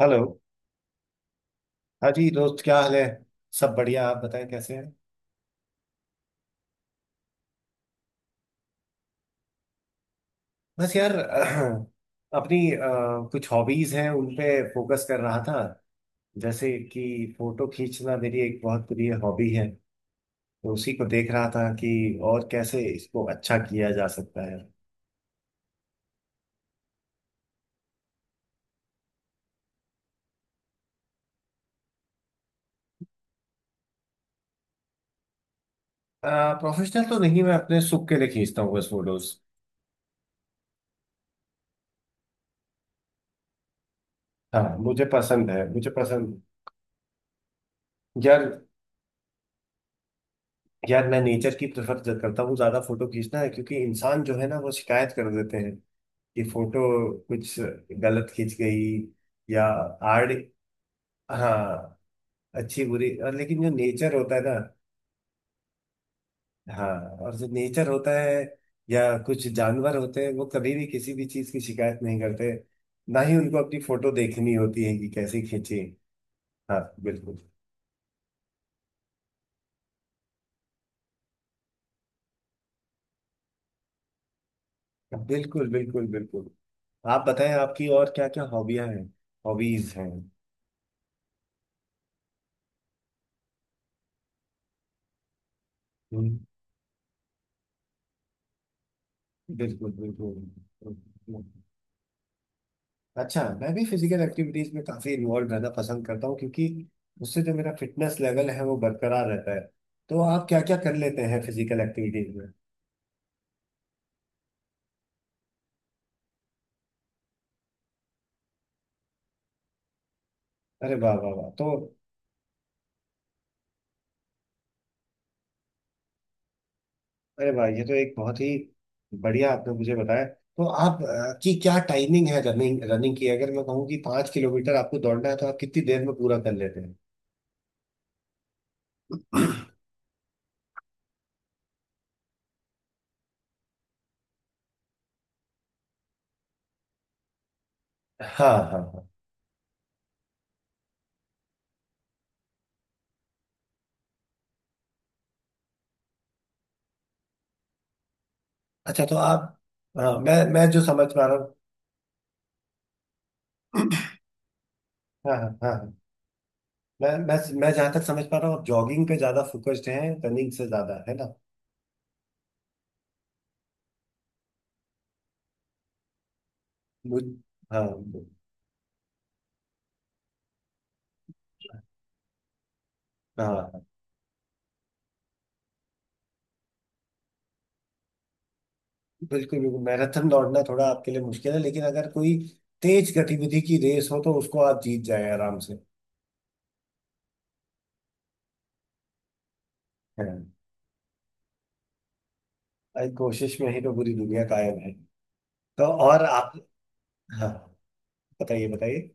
Hello. हाँ जी, दोस्त क्या हाल है? सब बढ़िया। आप बताएं कैसे हैं? बस यार अपनी कुछ हॉबीज हैं उन पे फोकस कर रहा था। जैसे कि फोटो खींचना मेरी एक बहुत प्रिय हॉबी है, तो उसी को देख रहा था कि और कैसे इसको अच्छा किया जा सकता है। प्रोफेशनल तो नहीं, मैं अपने सुख के लिए खींचता हूँ बस फोटोज। हाँ मुझे पसंद है, मुझे पसंद। यार, मैं नेचर की प्रेफर करता हूँ ज्यादा फोटो खींचना है, क्योंकि इंसान जो है ना वो शिकायत कर देते हैं कि फोटो कुछ गलत खींच गई। या आड़ हाँ, अच्छी बुरी। और लेकिन जो नेचर होता है ना, हाँ, और जो नेचर होता है या कुछ जानवर होते हैं, वो कभी भी किसी भी चीज की शिकायत नहीं करते। ना ही उनको अपनी फोटो देखनी होती है कि कैसे खींचे। हाँ बिल्कुल बिल्कुल बिल्कुल। बिल्कुल, आप बताएं आपकी और क्या क्या हॉबियां हैं, हॉबीज हैं? हम्म, बिल्कुल बिल्कुल। अच्छा, मैं भी फिजिकल एक्टिविटीज में काफी इन्वॉल्व रहना पसंद करता हूँ, क्योंकि उससे जो मेरा फिटनेस लेवल है वो बरकरार रहता है। तो आप क्या क्या कर लेते हैं फिजिकल एक्टिविटीज में? अरे वाह वाह वाह, तो अरे वाह, ये तो एक बहुत ही बढ़िया आपने मुझे बताया। तो आप की क्या टाइमिंग है रनिंग, रनिंग की? अगर मैं कहूँ कि 5 किलोमीटर आपको दौड़ना है तो आप कितनी देर में पूरा कर लेते हैं? हाँ हाँ हाँ। अच्छा, तो आप, हाँ मैं जो समझ पा रहा हूँ, हाँ हाँ हाँ हाँ। मैं मैं जहां तक समझ पा रहा हूँ आप जॉगिंग पे ज्यादा फोकस्ड हैं, रनिंग से ज्यादा, है ना? मुझ हाँ हाँ। बिल्कुल बिल्कुल, मैराथन दौड़ना थोड़ा आपके लिए मुश्किल है, लेकिन अगर कोई तेज गतिविधि की रेस हो तो उसको आप जीत जाए आराम से। हाँ, आई कोशिश में ही तो पूरी दुनिया कायम है। तो, और आप, हाँ बताइए बताइए।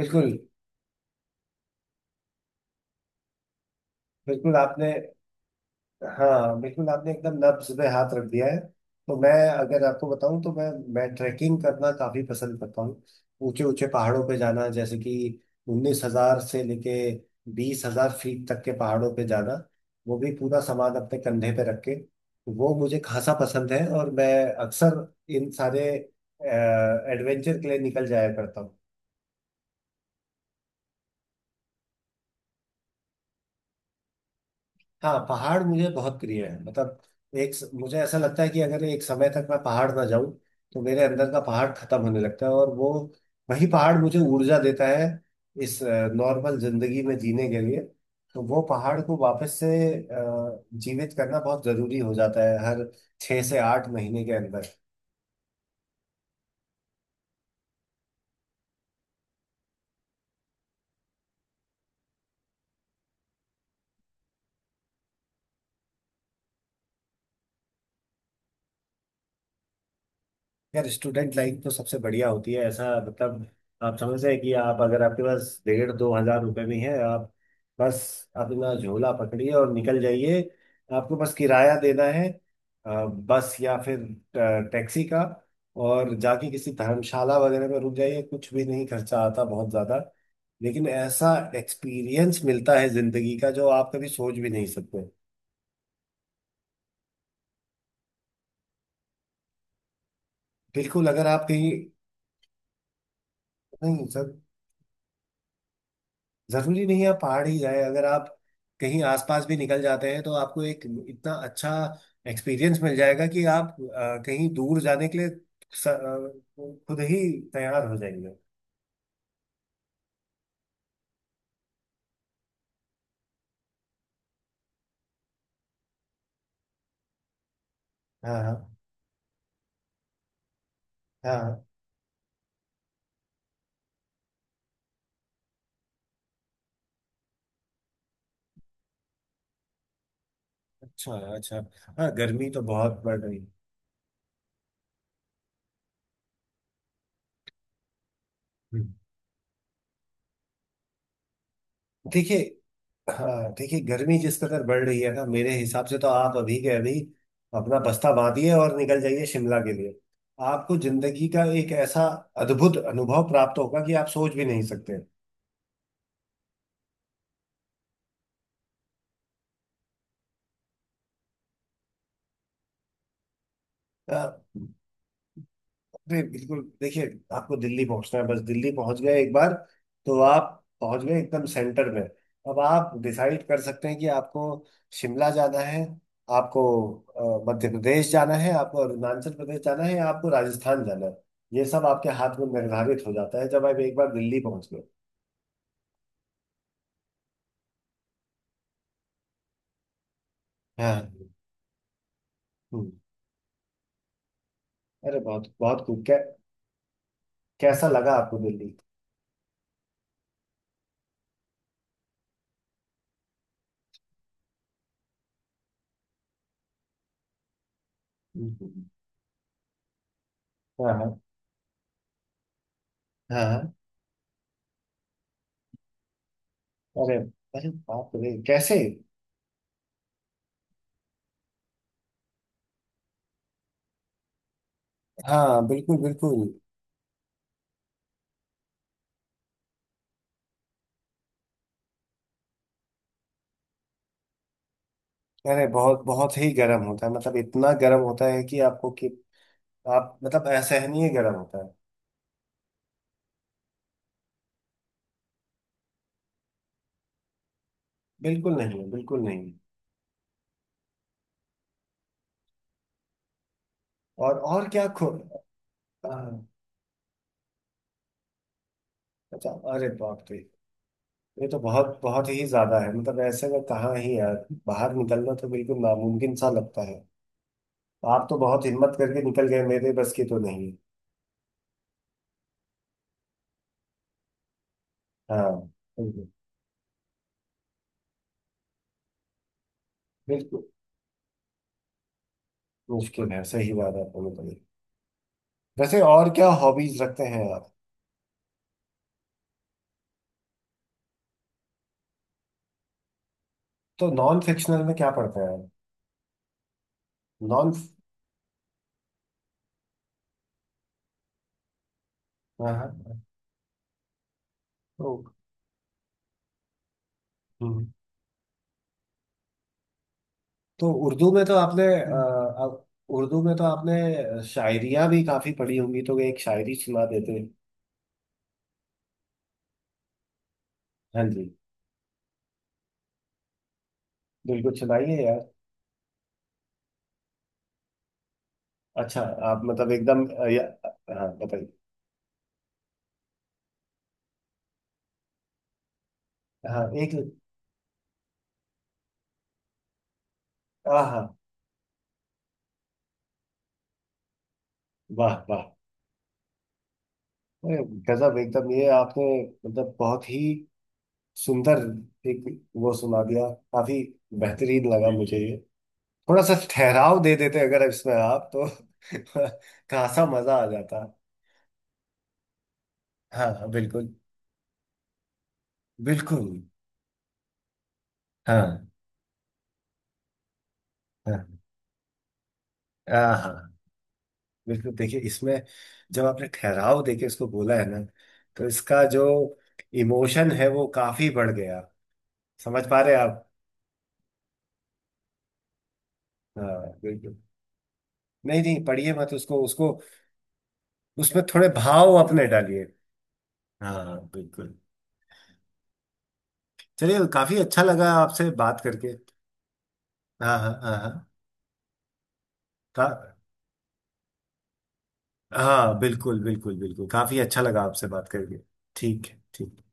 बिल्कुल बिल्कुल आपने हाँ बिल्कुल, आपने एकदम नब्ज पे हाथ रख दिया है। तो मैं अगर आपको बताऊं, तो मैं ट्रैकिंग करना काफी पसंद करता हूँ। ऊंचे ऊंचे पहाड़ों पे जाना, जैसे कि 19,000 से लेके 20,000 फीट तक के पहाड़ों पे जाना, वो भी पूरा सामान अपने कंधे पे रख के। वो मुझे खासा पसंद है और मैं अक्सर इन सारे एडवेंचर के लिए निकल जाया करता हूँ। हाँ, पहाड़ मुझे बहुत प्रिय है। मतलब मुझे ऐसा लगता है कि अगर एक समय तक मैं पहाड़ ना जाऊं तो मेरे अंदर का पहाड़ खत्म होने लगता है, और वो वही पहाड़ मुझे ऊर्जा देता है इस नॉर्मल जिंदगी में जीने के लिए। तो वो पहाड़ को वापस से जीवित करना बहुत जरूरी हो जाता है हर 6 से 8 महीने के अंदर। यार, स्टूडेंट लाइफ तो सबसे बढ़िया होती है। ऐसा मतलब, आप समझ रहे हैं कि आप, अगर आपके पास 1,500-2,000 रुपए भी हैं, आप बस अपना झोला पकड़िए और निकल जाइए। आपको बस किराया देना है, बस या फिर टैक्सी का, और जाके किसी धर्मशाला वगैरह में रुक जाइए। कुछ भी नहीं, खर्चा आता बहुत ज़्यादा, लेकिन ऐसा एक्सपीरियंस मिलता है ज़िंदगी का जो आप कभी सोच भी नहीं सकते। बिल्कुल अगर आप कहीं नहीं सर, जरूरी नहीं है आप पहाड़ ही जाए। अगर आप कहीं आसपास भी निकल जाते हैं तो आपको एक इतना अच्छा एक्सपीरियंस मिल जाएगा कि आप कहीं दूर जाने के लिए खुद ही तैयार हो जाएंगे। हाँ हाँ हाँ। अच्छा अच्छा, हाँ गर्मी तो बहुत बढ़ रही है। हम्म। देखिए, हाँ देखिए, गर्मी जिस कदर बढ़ रही है ना, मेरे हिसाब से तो आप अभी के अभी अपना बस्ता बांधिए और निकल जाइए शिमला के लिए। आपको जिंदगी का एक ऐसा अद्भुत अनुभव प्राप्त होगा कि आप सोच भी नहीं सकते। अ, अरे बिल्कुल, देखिए, आपको दिल्ली पहुंचना है। बस दिल्ली पहुंच गए एक बार, तो आप पहुंच गए एकदम सेंटर में। अब आप डिसाइड कर सकते हैं कि आपको शिमला जाना है, आपको मध्य प्रदेश जाना है, आपको अरुणाचल प्रदेश जाना है, या आपको राजस्थान जाना है। ये सब आपके हाथ में निर्धारित हो जाता है जब आप एक बार दिल्ली पहुंच गए। हाँ। हम्म, अरे बहुत बहुत खूब। कैसा लगा आपको दिल्ली? हम्म, हम्म, हम्म। हाँ हाँ हाँ हाँ। अरे, अरे बाप रे, कैसे? हाँ बिल्कुल बिल्कुल। अरे बहुत बहुत ही गर्म होता है, मतलब इतना गर्म होता है कि आपको कि आप, मतलब असहनीय गर्म होता है। बिल्कुल नहीं है, बिल्कुल नहीं है। और क्या खो हाँ। अच्छा, अरे बाप रे, ये तो बहुत बहुत ही ज्यादा है। मतलब ऐसे में कहाँ ही यार बाहर निकलना, तो बिल्कुल नामुमकिन सा लगता है। आप तो बहुत हिम्मत करके निकल गए, मेरे बस की तो नहीं है। हाँ बिल्कुल बिल्कुल। मुश्किल है, सही बात है, बोलो तो। वैसे और क्या हॉबीज रखते हैं आप? तो नॉन फिक्शनल में क्या पढ़ते हैं? नॉन हाँ हाँ। तो हम्म, उर्दू में तो आपने उर्दू में तो आपने शायरियां भी काफी पढ़ी होंगी, तो एक शायरी सुना देते। हाँ जी, बिल्कुल सुनाइए यार। अच्छा, आप मतलब एकदम हाँ बताइए। हाँ, एक आहा, वाह वाह, अरे गजब एकदम ये आपने, मतलब बहुत ही सुंदर एक वो सुना दिया। काफी बेहतरीन लगा जी मुझे जी ये। थोड़ा सा ठहराव दे देते अगर इसमें आप, तो खासा मजा आ जाता। हाँ हाँ, बिल्कुल बिल्कुल। हाँ हाँ हाँ हाँ। बिल्कुल, देखिए इसमें जब आपने ठहराव देके इसको बोला है ना, तो इसका जो इमोशन है वो काफी बढ़ गया। समझ पा रहे हैं आप? हाँ बिल्कुल, नहीं नहीं, पढ़िए मत उसको, उसको उसमें थोड़े भाव अपने डालिए। हाँ बिल्कुल। चलिए, काफी अच्छा लगा आपसे बात करके। हाँ हाँ हाँ हाँ। का- हाँ बिल्कुल बिल्कुल बिल्कुल, काफी अच्छा लगा आपसे बात करके। ठीक है, ठीक।